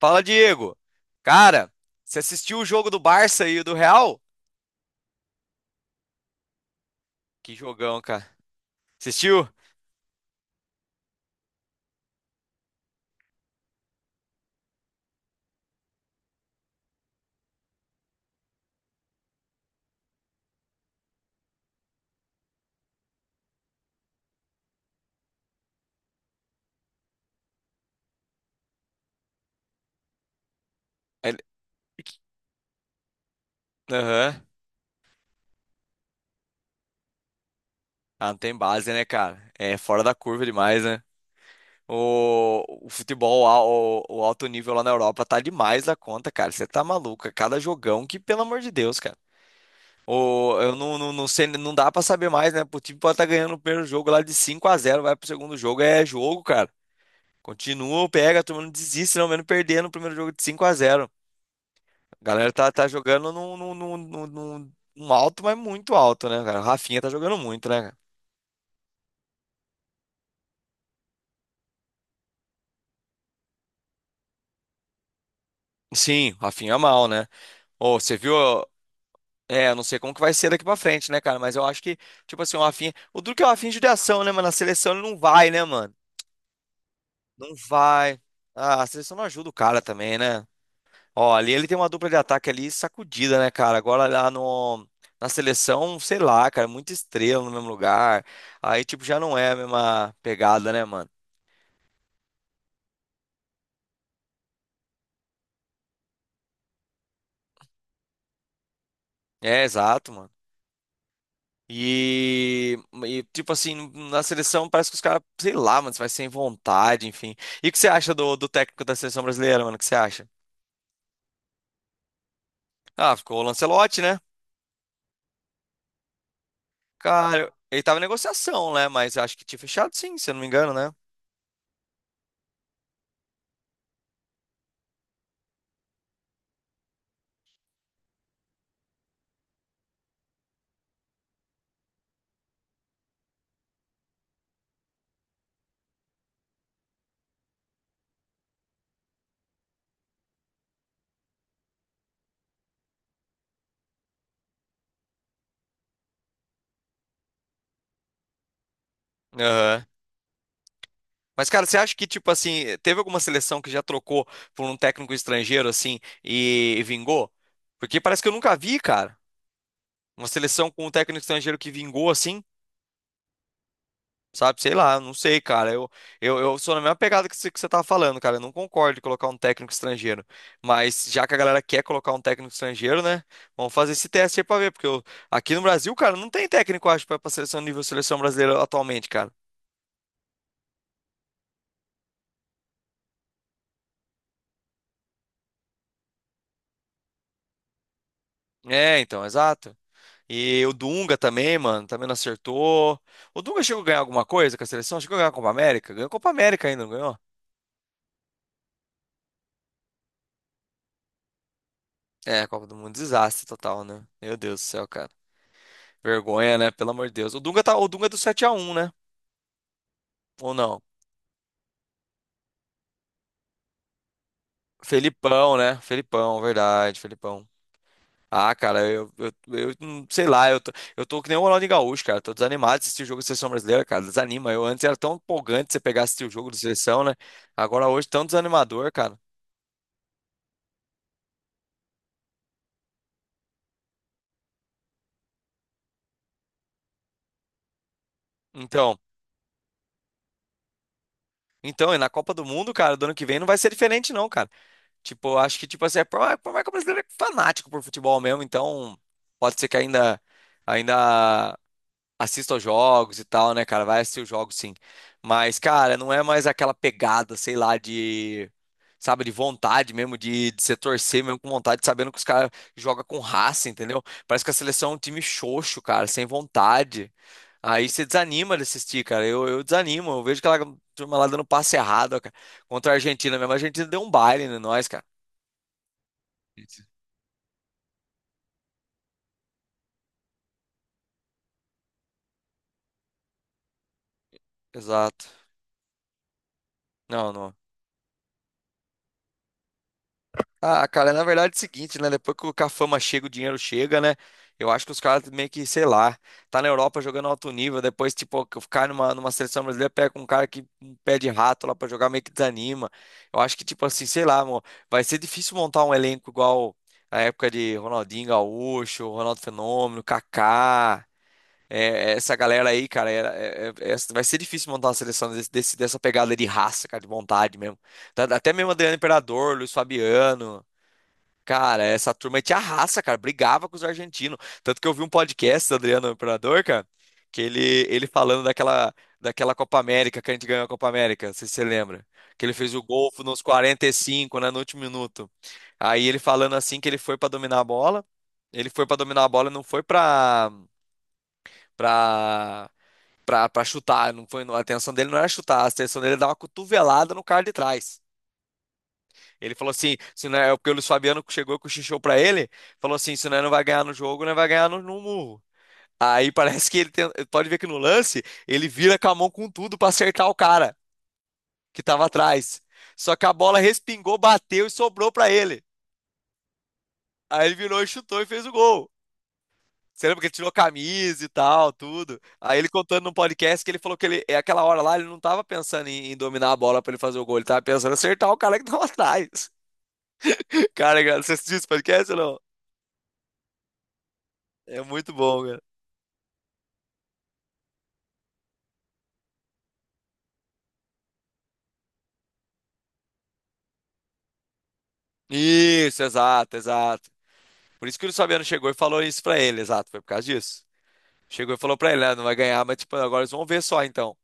Fala, Diego. Cara, você assistiu o jogo do Barça e o do Real? Que jogão, cara. Assistiu? Ele- Aham. Ah, não tem base, né, cara? É fora da curva demais, né? O futebol, o alto nível lá na Europa tá demais da conta, cara. Você tá maluco. É cada jogão que, pelo amor de Deus, cara. O, eu não sei, não dá pra saber mais, né? O time pode estar ganhando o primeiro jogo lá de 5 a zero, vai pro segundo jogo, é jogo, cara. Continua, pega, a turma não desiste, não, mesmo perdendo o primeiro jogo de 5 a zero. A galera tá jogando num alto, mas muito alto, né, cara? O Rafinha tá jogando muito, né, cara? Sim, o Rafinha é mal, né? Ô, você viu? É, eu não sei como que vai ser daqui pra frente, né, cara? Mas eu acho que, tipo assim, o Rafinha. O Duque é o Rafinha de judiação, né, mano? Na seleção ele não vai, né, mano? Não vai. Ah, a seleção não ajuda o cara também, né? Ó, ali ele tem uma dupla de ataque ali sacudida, né, cara? Agora lá no. Na seleção, sei lá, cara, é muita estrela no mesmo lugar. Aí, tipo, já não é a mesma pegada, né, mano? É, exato, mano. E, tipo assim, na seleção parece que os caras, sei lá, mano, vai sem vontade, enfim. E o que você acha do técnico da seleção brasileira, mano? O que você acha? Ah, ficou o Lancelotti, né? Cara, ele tava em negociação, né? Mas acho que tinha fechado sim, se eu não me engano, né? Aham. Mas, cara, você acha que, tipo assim, teve alguma seleção que já trocou por um técnico estrangeiro, assim, e vingou? Porque parece que eu nunca vi, cara, uma seleção com um técnico estrangeiro que vingou, assim. Sabe, sei lá, não sei, cara. Eu sou na mesma pegada que você tá falando, cara. Eu não concordo em colocar um técnico estrangeiro. Mas já que a galera quer colocar um técnico estrangeiro, né? Vamos fazer esse teste aí pra ver. Aqui no Brasil, cara, não tem técnico, eu acho, pra seleção nível seleção brasileira atualmente, cara. É, então, exato. E o Dunga também, mano, também não acertou. O Dunga chegou a ganhar alguma coisa com a seleção? Chegou a ganhar a Copa América? Ganhou a Copa América ainda, não ganhou? É, a Copa do Mundo, desastre total, né? Meu Deus do céu, cara. Vergonha, né? Pelo amor de Deus. O Dunga tá, o Dunga é do sete a um, né? Ou não? Felipão, né? Felipão, verdade, Felipão. Ah, cara, eu não- sei lá, eu tô que nem o Ronaldinho Gaúcho, cara. Tô desanimado de assistir o jogo da seleção brasileira, cara. Desanima. Eu antes era tão empolgante você pegar e assistir o jogo da seleção, né? Agora hoje tão desanimador, cara. Então, e na Copa do Mundo, cara, do ano que vem não vai ser diferente, não, cara. Tipo, eu acho que, tipo assim, é por mais que o brasileiro é fanático por futebol mesmo, então pode ser que ainda. Ainda. Assisto aos jogos e tal, né, cara? Vai assistir os jogos, sim. Mas, cara, não é mais aquela pegada, sei lá, de. Sabe, de vontade mesmo, de se torcer mesmo com vontade, sabendo que os caras jogam com raça, entendeu? Parece que a seleção é um time xoxo, cara, sem vontade. Aí você desanima de assistir, cara. Eu desanimo. Eu vejo aquela turma lá dando passe errado, ó, cara. Contra a Argentina mesmo. A Argentina deu um baile em nós, cara. Isso. Exato. Não, não. Ah, cara, na verdade é o seguinte, né? Depois que a fama chega, o dinheiro chega, né? Eu acho que os caras meio que, sei lá, tá na Europa jogando alto nível, depois, tipo, que ficar numa seleção brasileira, pega um cara que um pé de rato lá pra jogar, meio que desanima. Eu acho que, tipo assim, sei lá, amor, vai ser difícil montar um elenco igual a época de Ronaldinho Gaúcho, Ronaldo Fenômeno, Kaká, é, essa galera aí, cara, vai ser difícil montar uma seleção dessa pegada de raça, cara, de vontade mesmo. Até mesmo Adriano Imperador, Luiz Fabiano. Cara, essa turma te arrasa, cara. Brigava com os argentinos. Tanto que eu vi um podcast do Adriano Imperador, cara, que ele, ele falando daquela Copa América, que a gente ganhou a Copa América, não sei se você lembra. Que ele fez o gol nos 45, né, no último minuto. Aí ele falando assim que ele foi pra dominar a bola. Ele foi pra dominar a bola, não foi pra pra para chutar, não foi, a atenção dele não era chutar, a atenção dele era dar uma cotovelada no cara de trás. Ele falou assim, se não é porque o Luiz Fabiano chegou com o xixô pra ele, falou assim, se não vai ganhar no jogo, não é, vai ganhar no, no murro. Aí parece que pode ver que no lance ele vira com a mão com tudo pra acertar o cara que tava atrás. Só que a bola respingou, bateu e sobrou pra ele. Aí ele virou e chutou e fez o gol. Você lembra que ele tirou a camisa e tal, tudo. Aí ele contando no podcast que ele falou que ele, é aquela hora lá, ele não tava pensando em dominar a bola pra ele fazer o gol, ele tava pensando em acertar o cara que tava atrás. Cara, você assistiu esse podcast ou não? É muito bom, cara. Isso, exato, exato. Por isso que o Luciano chegou e falou isso pra ele, exato, foi por causa disso. Chegou e falou pra ele, né, não vai ganhar, mas tipo, agora eles vão ver só então.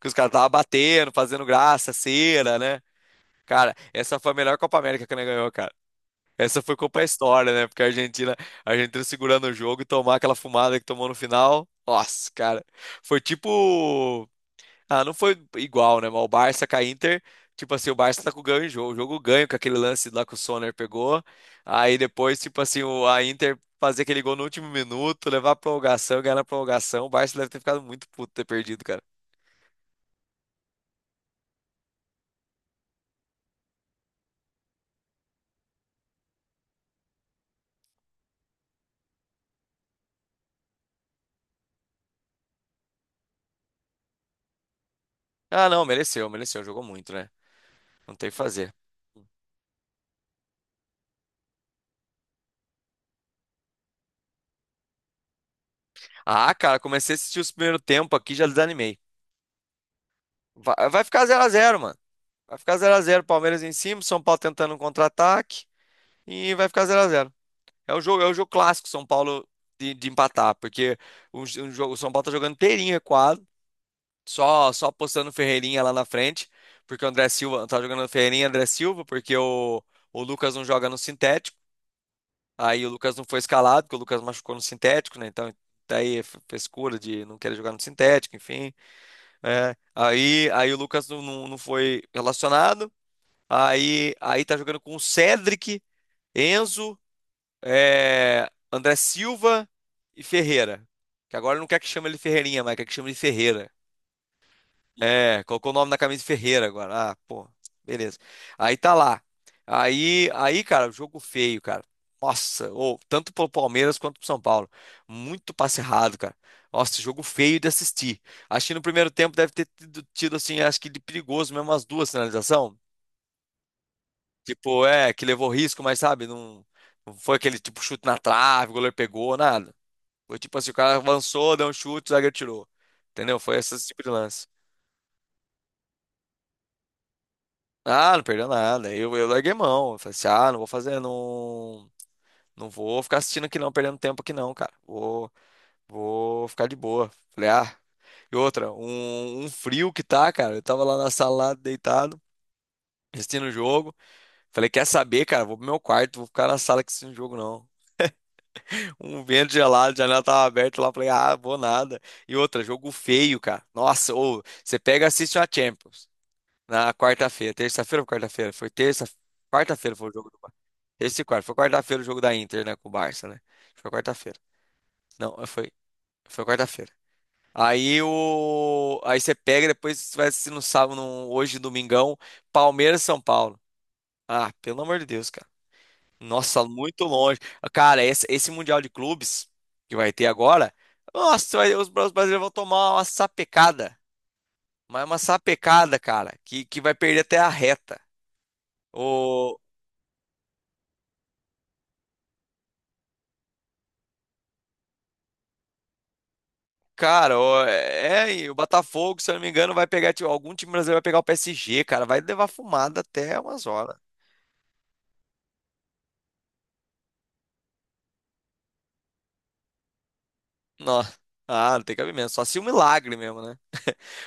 Que os caras tava batendo, fazendo graça, cera, né? Cara, essa foi a melhor Copa América que ele ganhou, cara. Essa foi Copa História, né? Porque a Argentina segurando o jogo e tomar aquela fumada que tomou no final. Nossa, cara. Foi tipo ah, não foi igual, né? Mas o Barça com a Inter, tipo assim, o Barça tá com ganho em jogo. O jogo ganho com aquele lance lá que o Sonner pegou. Aí depois, tipo assim, a Inter fazer aquele gol no último minuto, levar a prorrogação, ganhar na prorrogação. O Barça deve ter ficado muito puto ter perdido, cara. Ah, não, mereceu, mereceu. Jogou muito, né? Não tem o que fazer. Ah, cara, comecei a assistir os primeiros tempo aqui, já desanimei. Vai ficar zero a zero, mano. Vai ficar zero a zero, Palmeiras em cima, São Paulo tentando um contra-ataque e vai ficar zero a zero. É o jogo clássico São Paulo de empatar, porque o São Paulo tá jogando inteirinho recuado, só postando o Ferreirinha lá na frente, porque o André Silva tá jogando o Ferreirinha e André Silva, porque o Lucas não joga no sintético. Aí o Lucas não foi escalado, porque o Lucas machucou no sintético, né? Então daí é frescura de não querer jogar no sintético, enfim. Né? Aí aí o Lucas não foi relacionado. Aí, aí tá jogando com o Cedric, Enzo, é, André Silva e Ferreira. Que agora não quer que chame ele Ferreirinha, mas quer que chame ele Ferreira. É, colocou o nome na camisa de Ferreira agora. Ah, pô, beleza. Aí tá lá. Aí, aí, cara, jogo feio, cara. Nossa, ou tanto pro Palmeiras quanto pro São Paulo. Muito passe errado, cara. Nossa, jogo feio de assistir. Acho que no primeiro tempo deve ter assim, acho que de perigoso mesmo, umas duas finalizações. Tipo, é, que levou risco, mas sabe, não, não foi aquele tipo chute na trave, o goleiro pegou, nada. Foi tipo assim, o cara avançou, deu um chute, o zagueiro tirou. Entendeu? Foi esse tipo de lance. Ah, não perdeu nada. Eu larguei mão. Eu falei assim, ah, não vou ficar assistindo aqui não, perdendo tempo aqui não, cara. Vou ficar de boa. Falei, ah. E outra, um frio que tá, cara. Eu tava lá na sala, lá, deitado, assistindo o jogo. Falei, quer saber, cara? Vou pro meu quarto, vou ficar na sala aqui assistindo o jogo, não. Um vento gelado, a janela tava aberta lá, eu falei, ah, vou nada. E outra, jogo feio, cara. Nossa, ou você pega e assiste a Champions na quarta-feira, terça-feira ou quarta-feira? Foi terça, quarta-feira foi o jogo do Barça. Terça e foi quarta-feira o jogo da Inter, né, com o Barça, né? Foi quarta-feira. Não, foi, foi quarta-feira. Aí você pega e depois você vai assistir no sábado, hoje, domingão, Palmeiras e São Paulo. Ah, pelo amor de Deus, cara. Nossa, muito longe. Cara, esse Mundial de Clubes que vai ter agora, nossa, os os brasileiros vão tomar uma sapecada. Mas uma sapecada, cara, que vai perder até a reta. O, cara, e o Botafogo, se eu não me engano, vai pegar, tipo, algum time brasileiro vai pegar o PSG, cara, vai levar fumada até umas horas. Nossa. Ah, não tem cabimento, só se um milagre mesmo, né?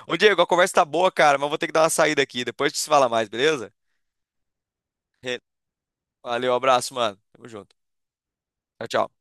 Ô, Diego, a conversa tá boa, cara, mas vou ter que dar uma saída aqui. Depois a gente se fala mais, beleza? Valeu, abraço, mano. Tamo junto. Tchau, tchau.